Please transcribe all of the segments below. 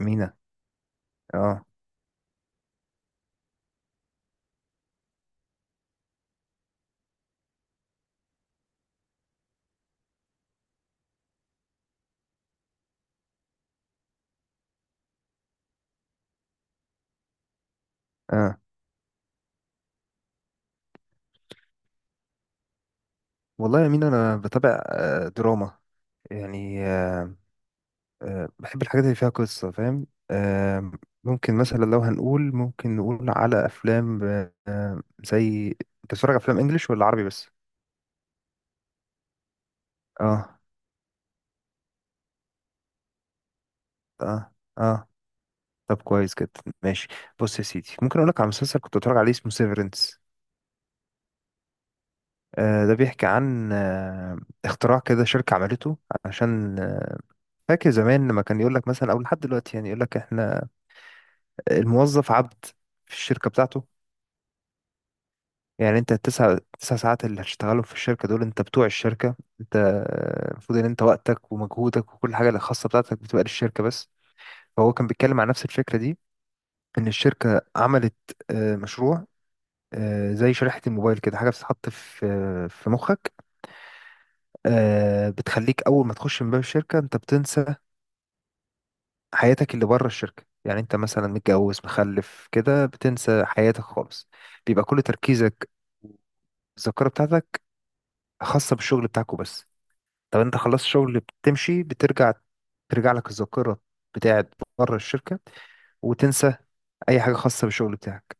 أمينة. اه. اه. والله يا أمينة، أنا بتابع دراما يعني. بحب الحاجات اللي فيها قصة. فاهم؟ ممكن مثلا، لو هنقول، ممكن نقول على أفلام. زي، أنت بتتفرج على أفلام إنجليش ولا عربي بس؟ اه. اه. اه. طب كويس جدا، ماشي. بص يا سيدي، ممكن أقول لك على مسلسل كنت بتفرج عليه، اسمه سيفرنس. ده بيحكي عن اختراع كده شركة عملته، عشان فاكر زمان لما كان يقول لك مثلا، او لحد دلوقتي يعني، يقول لك احنا الموظف عبد في الشركة بتاعته. يعني انت التسع ساعات اللي هتشتغلهم في الشركة دول، انت بتوع الشركة. انت، المفروض ان انت وقتك ومجهودك وكل حاجة الخاصة بتاعتك بتبقى للشركة بس. فهو كان بيتكلم عن نفس الفكرة دي، ان الشركة عملت مشروع، زي شريحة الموبايل كده، حاجة بتتحط في مخك. بتخليك اول ما تخش من باب الشركة، انت بتنسى حياتك اللي بره الشركة. يعني انت مثلا متجوز مخلف كده، بتنسى حياتك خالص. بيبقى كل تركيزك، الذاكرة بتاعتك، خاصة بالشغل بتاعكو بس. طب انت خلصت شغل، بتمشي، بترجع، ترجع لك الذاكرة بتاعت بره الشركة، وتنسى أي حاجة خاصة بالشغل بتاعك.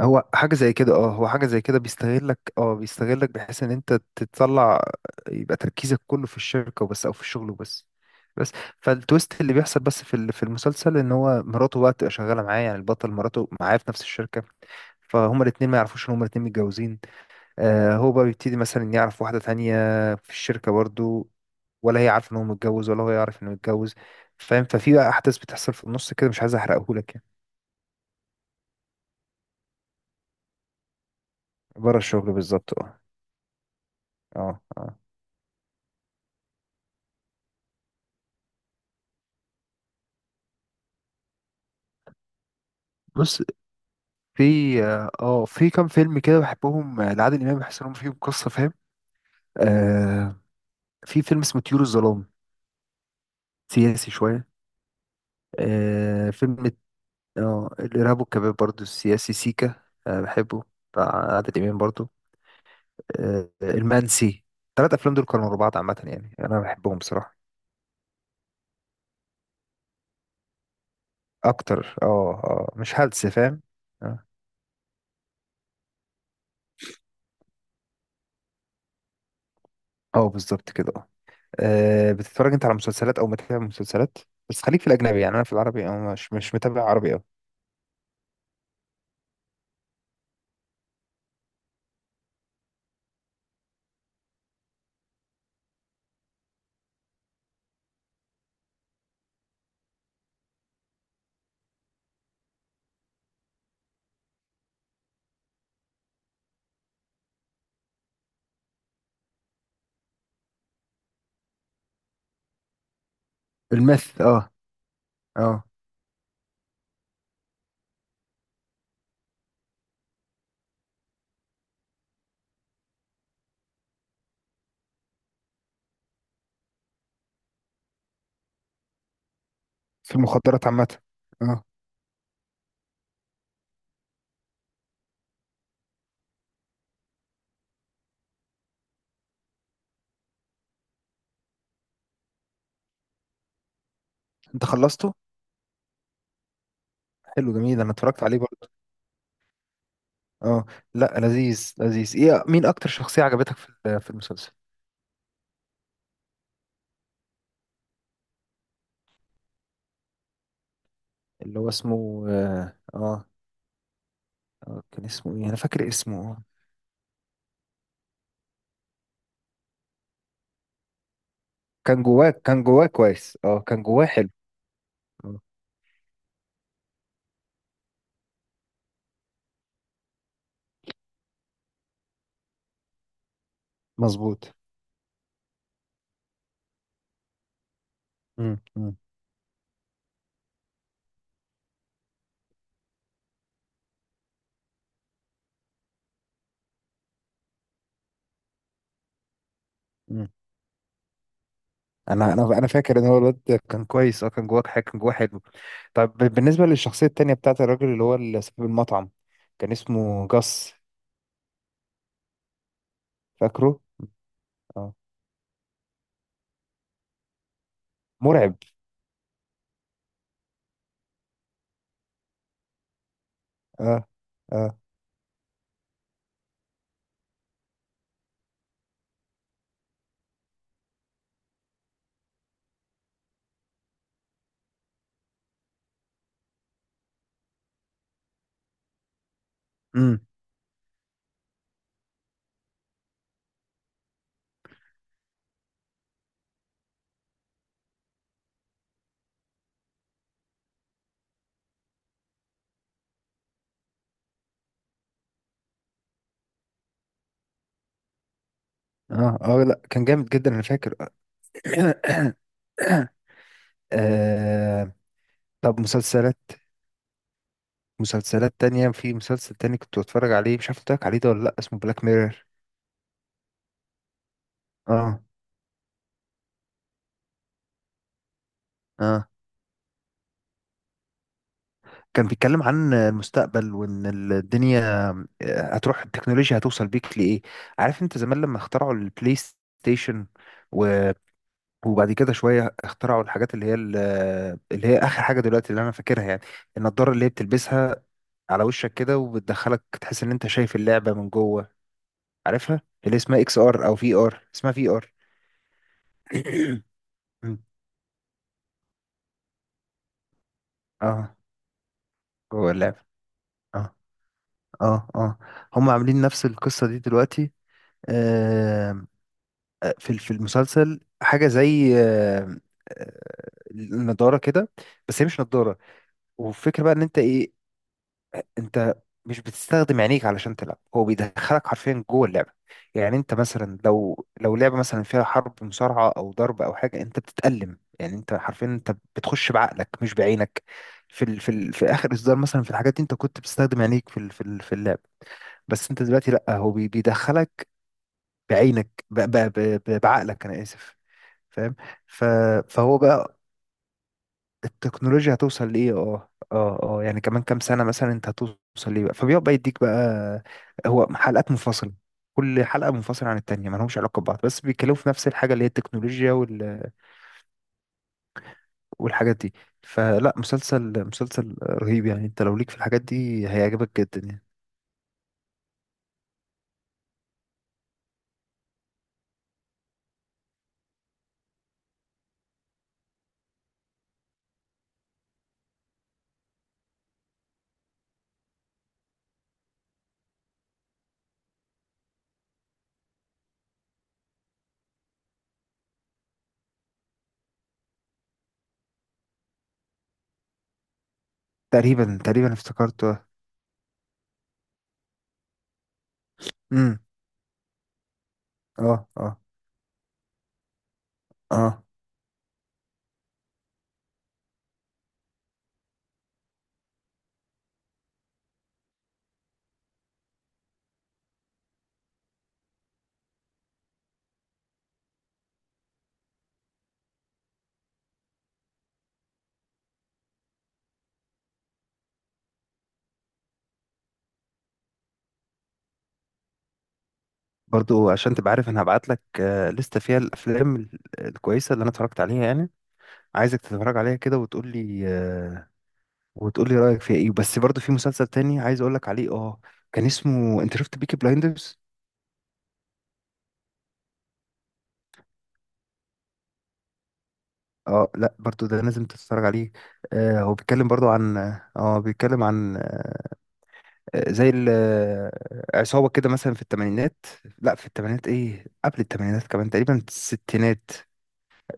هو حاجة زي كده. اه، هو حاجة زي كده، بيستغلك. اه، بيستغلك بحيث ان انت تطلع، يبقى تركيزك كله في الشركة وبس، او في الشغل وبس. بس. فالتويست اللي بيحصل بس، في المسلسل، ان هو مراته بقى تبقى شغالة معاه، يعني البطل مراته معاه في نفس الشركة. فهما الاتنين ما يعرفوش ان هما الاتنين متجوزين. هو بقى بيبتدي مثلا يعرف واحدة تانية في الشركة برضو، ولا هي عارفه ان هو متجوز، ولا هو يعرف انه متجوز. فاهم؟ ففي بقى احداث بتحصل في النص كده، مش عايز احرقهولك يعني. بره الشغل بالظبط. اه. اه. اه. بص، في اه آه، في كام فيلم كده بحبهم، لعادل امام، بحس انهم فيهم قصه. فاهم؟ آه في فيلم اسمه طيور الظلام، سياسي شويه. فيلم. اه، الارهاب والكباب برضو، السياسي سيكا. بحبه، بتاع عادل امام برضو. المنسي. ثلاث افلام دول كانوا ورا بعض عامه، يعني انا بحبهم بصراحه. اكتر. اه. اه. مش هلس فاهم. اه. بالظبط كده. اه. بتتفرج انت على مسلسلات او متابع مسلسلات؟ بس خليك في الاجنبي، يعني انا في العربي أو مش متابع عربي قوي. المث. اه. اه. في المخدرات عامه. اه. انت خلصته؟ حلو، جميل. انا اتفرجت عليه برضه. اه. لا، لذيذ لذيذ. ايه، مين اكتر شخصيه عجبتك في المسلسل؟ اللي هو اسمه، اه. اه. كان اسمه ايه؟ انا فاكر اسمه. كان جواه كويس. اه، كان جواه حلو. آه، مظبوط. مم. مم. مم. انا فاكر ان هو الواد ده كان كويس. اه، كان جواه حاجه، كان جواه حلو. طب بالنسبه للشخصيه التانية، بتاعت الراجل، اللي هو اللي صاحب المطعم، كان اسمه جاس. فاكره؟ اه. مرعب. اه. اه. امم. اه. اه، لا كان جامد جدا، انا فاكر. آه. طب مسلسلات تانية، في مسلسل تاني كنت بتفرج عليه، مش عارف قلت لك عليه ده ولا لا، اسمه بلاك ميرور. اه. اه. كان بيتكلم عن المستقبل، وان الدنيا هتروح، التكنولوجيا هتوصل بيك لايه. عارف انت زمان لما اخترعوا البلاي ستيشن، و... وبعد كده شويه اخترعوا الحاجات اللي هي اللي هي اخر حاجه دلوقتي اللي انا فاكرها يعني، النضاره اللي هي بتلبسها على وشك كده، وبتدخلك تحس ان انت شايف اللعبه من جوه. عارفها، اللي اسمها اكس ار، او في ار. اسمها في ار. اه، جوه اللعبه. اه. اه. اه، هم عاملين نفس القصه دي دلوقتي. آه، في المسلسل حاجه زي النضاره كده، بس هي مش نضاره. والفكره بقى ان انت ايه، انت مش بتستخدم عينيك علشان تلعب، هو بيدخلك حرفيا جوه اللعبه. يعني انت مثلا، لو لو لعبه مثلا فيها حرب، مصارعه او ضرب او حاجه، انت بتتألم. يعني انت حرفيا، انت بتخش بعقلك مش بعينك. في اخر اصدار مثلا، في الحاجات دي، انت كنت بتستخدم عينيك في اللعب. بس انت دلوقتي، لا، هو بيدخلك بعينك، بعقلك. انا اسف. فاهم. ف... فهو بقى، التكنولوجيا هتوصل لايه. اه. اه. اه، يعني كمان كام سنه مثلا، انت هتوصل ليه بقى. فبيقعد بقى يديك بقى، هو حلقات منفصله، كل حلقه منفصله عن التانيه، ما لهمش علاقه ببعض، بس بيتكلموا في نفس الحاجه اللي هي التكنولوجيا والحاجات دي. فلا، مسلسل رهيب. يعني انت لو ليك في الحاجات دي، هيعجبك جدا يعني. تقريبا تقريبا افتكرته. امم. اه. اه. اه، برضو عشان تبقى عارف، انا هبعت لك لستة فيها الافلام الكويسه اللي انا اتفرجت عليها يعني. عايزك تتفرج عليها كده، وتقول لي وتقول لي رأيك فيها ايه. بس برضو في مسلسل تاني عايز اقول لك عليه. اه. كان اسمه، انت شفت بيكي بلايندرز؟ اه، لا برضو ده لازم تتفرج عليه. هو بيتكلم برضو عن، اه، بيتكلم عن، زي عصابة كده مثلا في الثمانينات. لا، في الثمانينات، ايه، قبل الثمانينات كمان، تقريبا الستينات.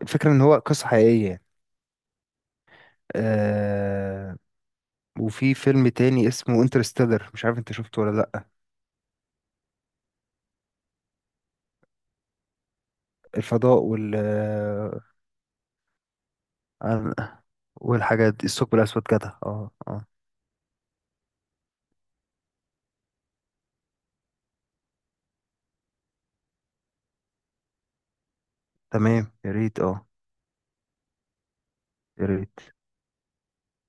الفكرة ان هو قصة حقيقية يعني. آه وفي فيلم تاني اسمه انترستيلر، مش عارف انت شفته ولا لا. الفضاء وال، آه، والحاجات دي، الثقب الأسود جدع. اه. اه. تمام، يا ريت. اه. يا ريت.